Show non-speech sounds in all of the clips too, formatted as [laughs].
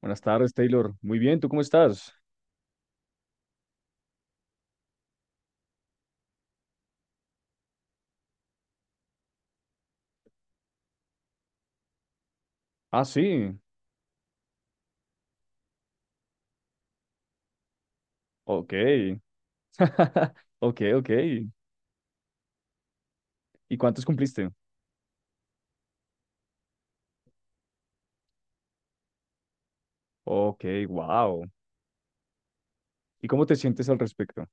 Buenas tardes, Taylor. Muy bien, ¿tú cómo estás? Ah, sí. Ok. [laughs] Ok, ok. ¿Y cuántos cumpliste? Ok, wow. ¿Y cómo te sientes al respecto?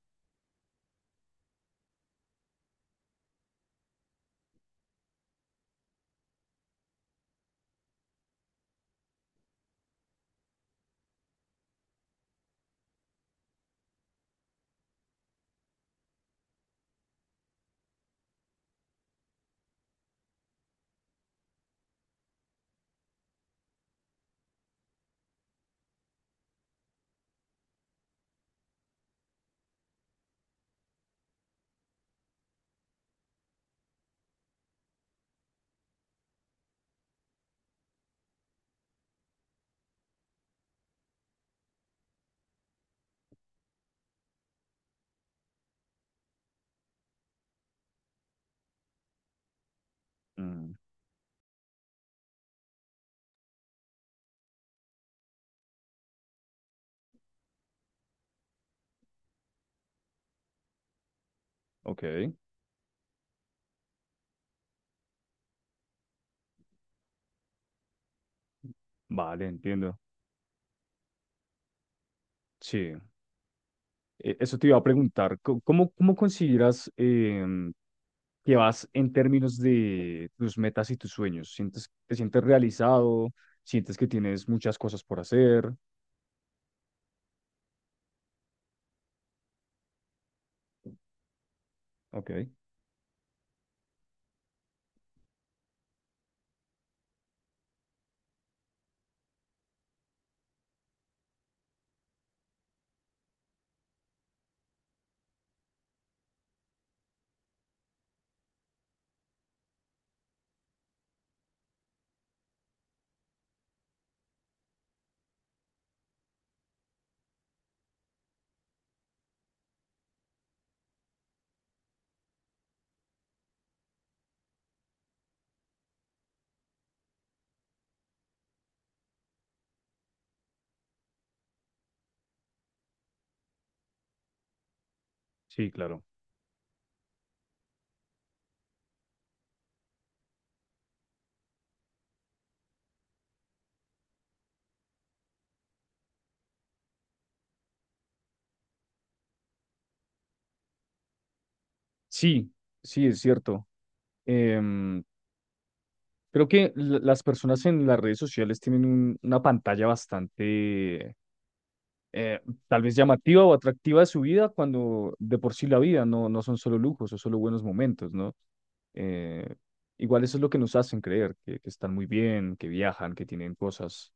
Mm, ok, vale, entiendo. Sí. Eso te iba a preguntar. ¿Cómo consideras que vas en términos de tus metas y tus sueños? Te sientes realizado? ¿Sientes que tienes muchas cosas por hacer? Ok, sí, claro. Sí, sí, es cierto. Em, Creo que las personas en las redes sociales tienen una pantalla bastante eh, tal vez llamativa o atractiva de su vida, cuando de por sí la vida no son solo lujos o solo buenos momentos, ¿no? Eh, igual eso es lo que nos hacen creer, que están muy bien, que viajan, que tienen cosas.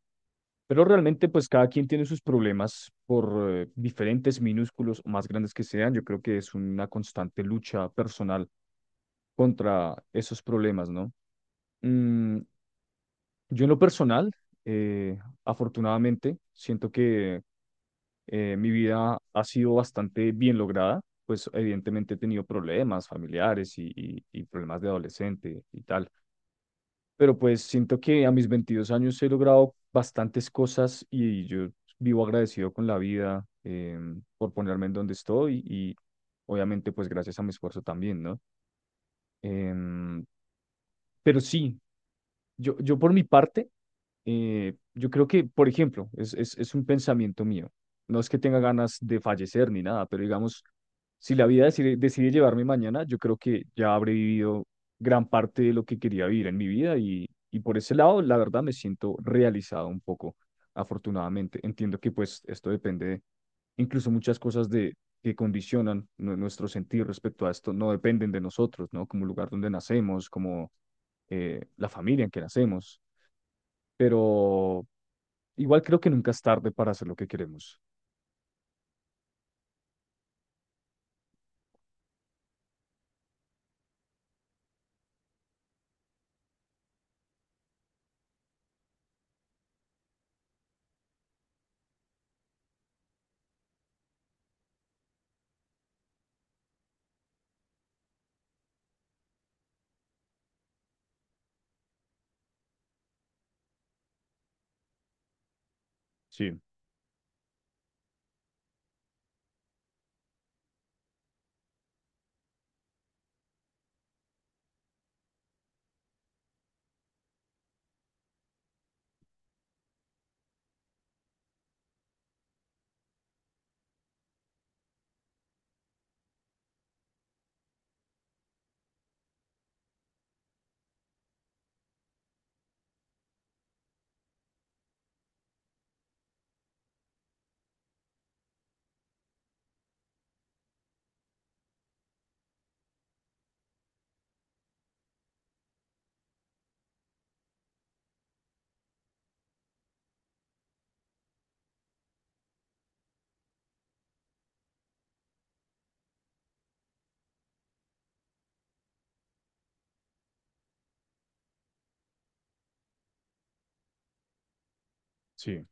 Pero realmente, pues cada quien tiene sus problemas por diferentes, minúsculos o más grandes que sean. Yo creo que es una constante lucha personal contra esos problemas, ¿no? Mm, Yo en lo personal, eh, afortunadamente, siento que mi vida ha sido bastante bien lograda. Pues evidentemente he tenido problemas familiares y problemas de adolescente y tal, pero pues siento que a mis 22 años he logrado bastantes cosas y yo vivo agradecido con la vida, por ponerme en donde estoy y obviamente pues gracias a mi esfuerzo también, ¿no? Em, pero sí, yo por mi parte, yo creo que, por ejemplo, es un pensamiento mío. No es que tenga ganas de fallecer ni nada, pero digamos, si la vida decide llevarme mañana, yo creo que ya habré vivido gran parte de lo que quería vivir en mi vida, y por ese lado, la verdad, me siento realizado un poco, afortunadamente. Entiendo que pues esto depende de, incluso muchas cosas de, que condicionan nuestro sentir respecto a esto, no dependen de nosotros, ¿no? Como el lugar donde nacemos, como la familia en que nacemos. Pero igual creo que nunca es tarde para hacer lo que queremos. Sí, sí,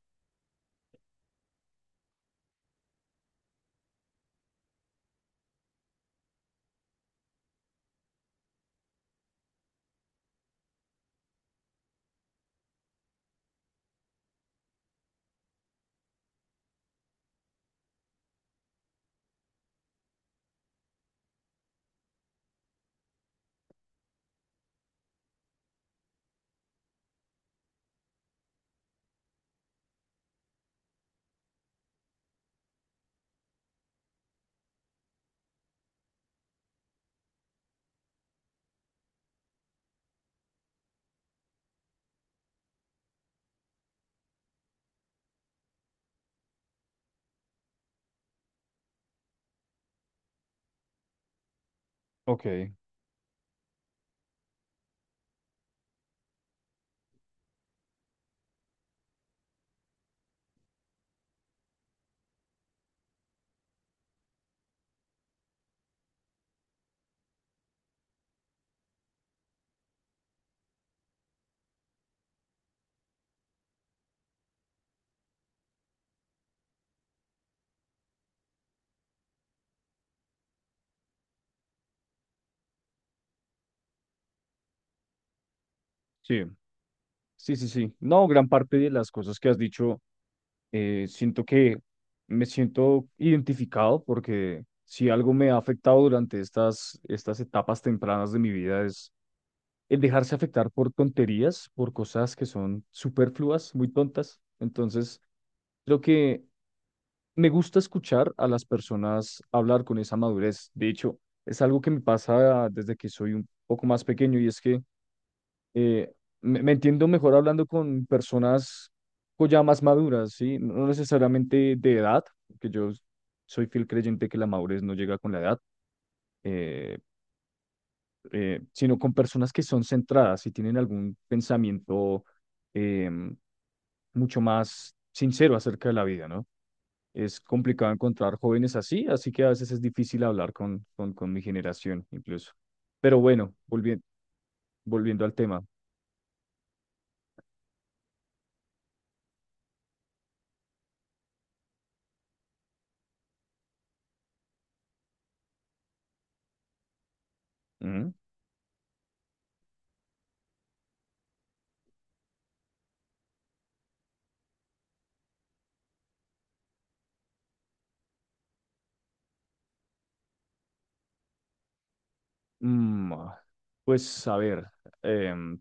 ok, sí, sí, sí, sí. No, gran parte de las cosas que has dicho, siento que me siento identificado, porque si algo me ha afectado durante estas etapas tempranas de mi vida es el dejarse afectar por tonterías, por cosas que son superfluas, muy tontas. Entonces, creo que me gusta escuchar a las personas hablar con esa madurez. De hecho, es algo que me pasa desde que soy un poco más pequeño, y es que eh, me entiendo mejor hablando con personas ya más maduras, ¿sí? No necesariamente de edad, porque yo soy fiel creyente que la madurez no llega con la edad, eh, sino con personas que son centradas y tienen algún pensamiento, em, mucho más sincero acerca de la vida, ¿no? Es complicado encontrar jóvenes así, así que a veces es difícil hablar con mi generación incluso. Pero bueno, volviendo, al tema. Ujú. Ah, pues a ver, em,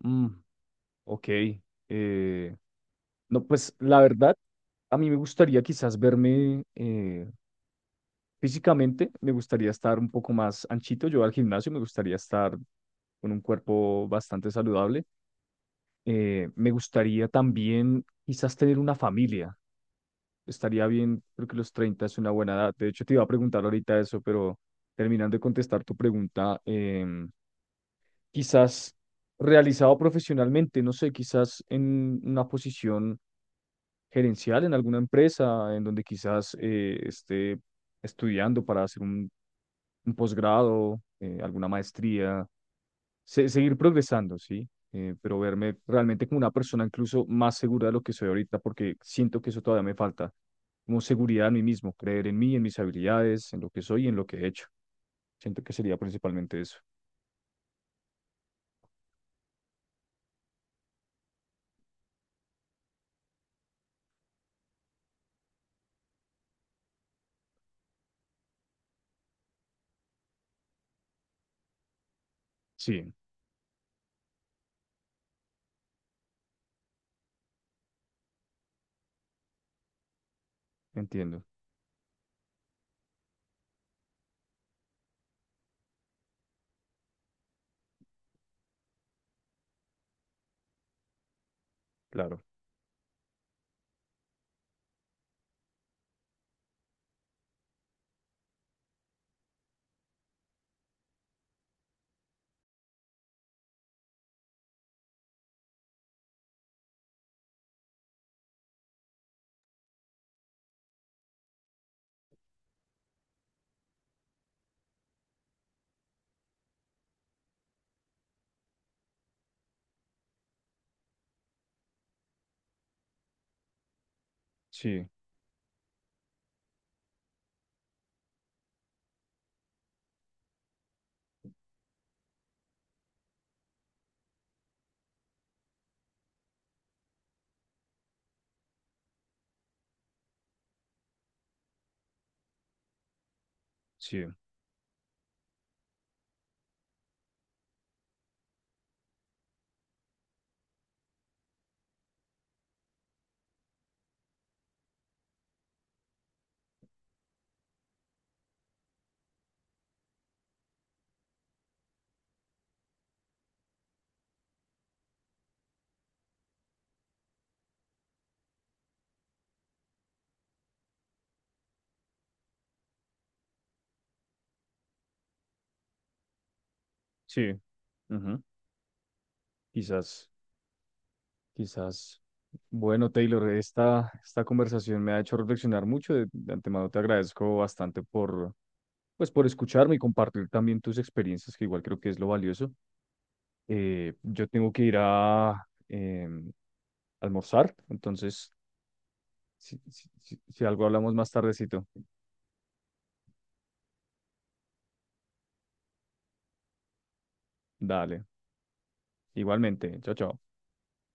mm, ok. eh, no pues la verdad, a mí me gustaría quizás verme, físicamente, me gustaría estar un poco más anchito. Yo al gimnasio, me gustaría estar con un cuerpo bastante saludable. Me gustaría también quizás tener una familia. Estaría bien, creo que los 30 es una buena edad. De hecho, te iba a preguntar ahorita eso, pero terminando de contestar tu pregunta, quizás realizado profesionalmente, no sé, quizás en una posición gerencial en alguna empresa, en donde quizás esté estudiando para hacer un posgrado, alguna maestría, seguir progresando, ¿sí? Pero verme realmente como una persona incluso más segura de lo que soy ahorita, porque siento que eso todavía me falta, como seguridad en mí mismo, creer en mí, en mis habilidades, en lo que soy y en lo que he hecho. Siento que sería principalmente eso. Sí, entiendo, claro. Sí, sí, sí. Ujú. Quizás, quizás. Bueno, Taylor, esta conversación me ha hecho reflexionar mucho. De antemano te agradezco bastante por, pues, por escucharme y compartir también tus experiencias, que igual creo que es lo valioso. Yo tengo que ir a, em, almorzar, entonces si, si algo hablamos más tardecito, dale, igualmente, chao, chao.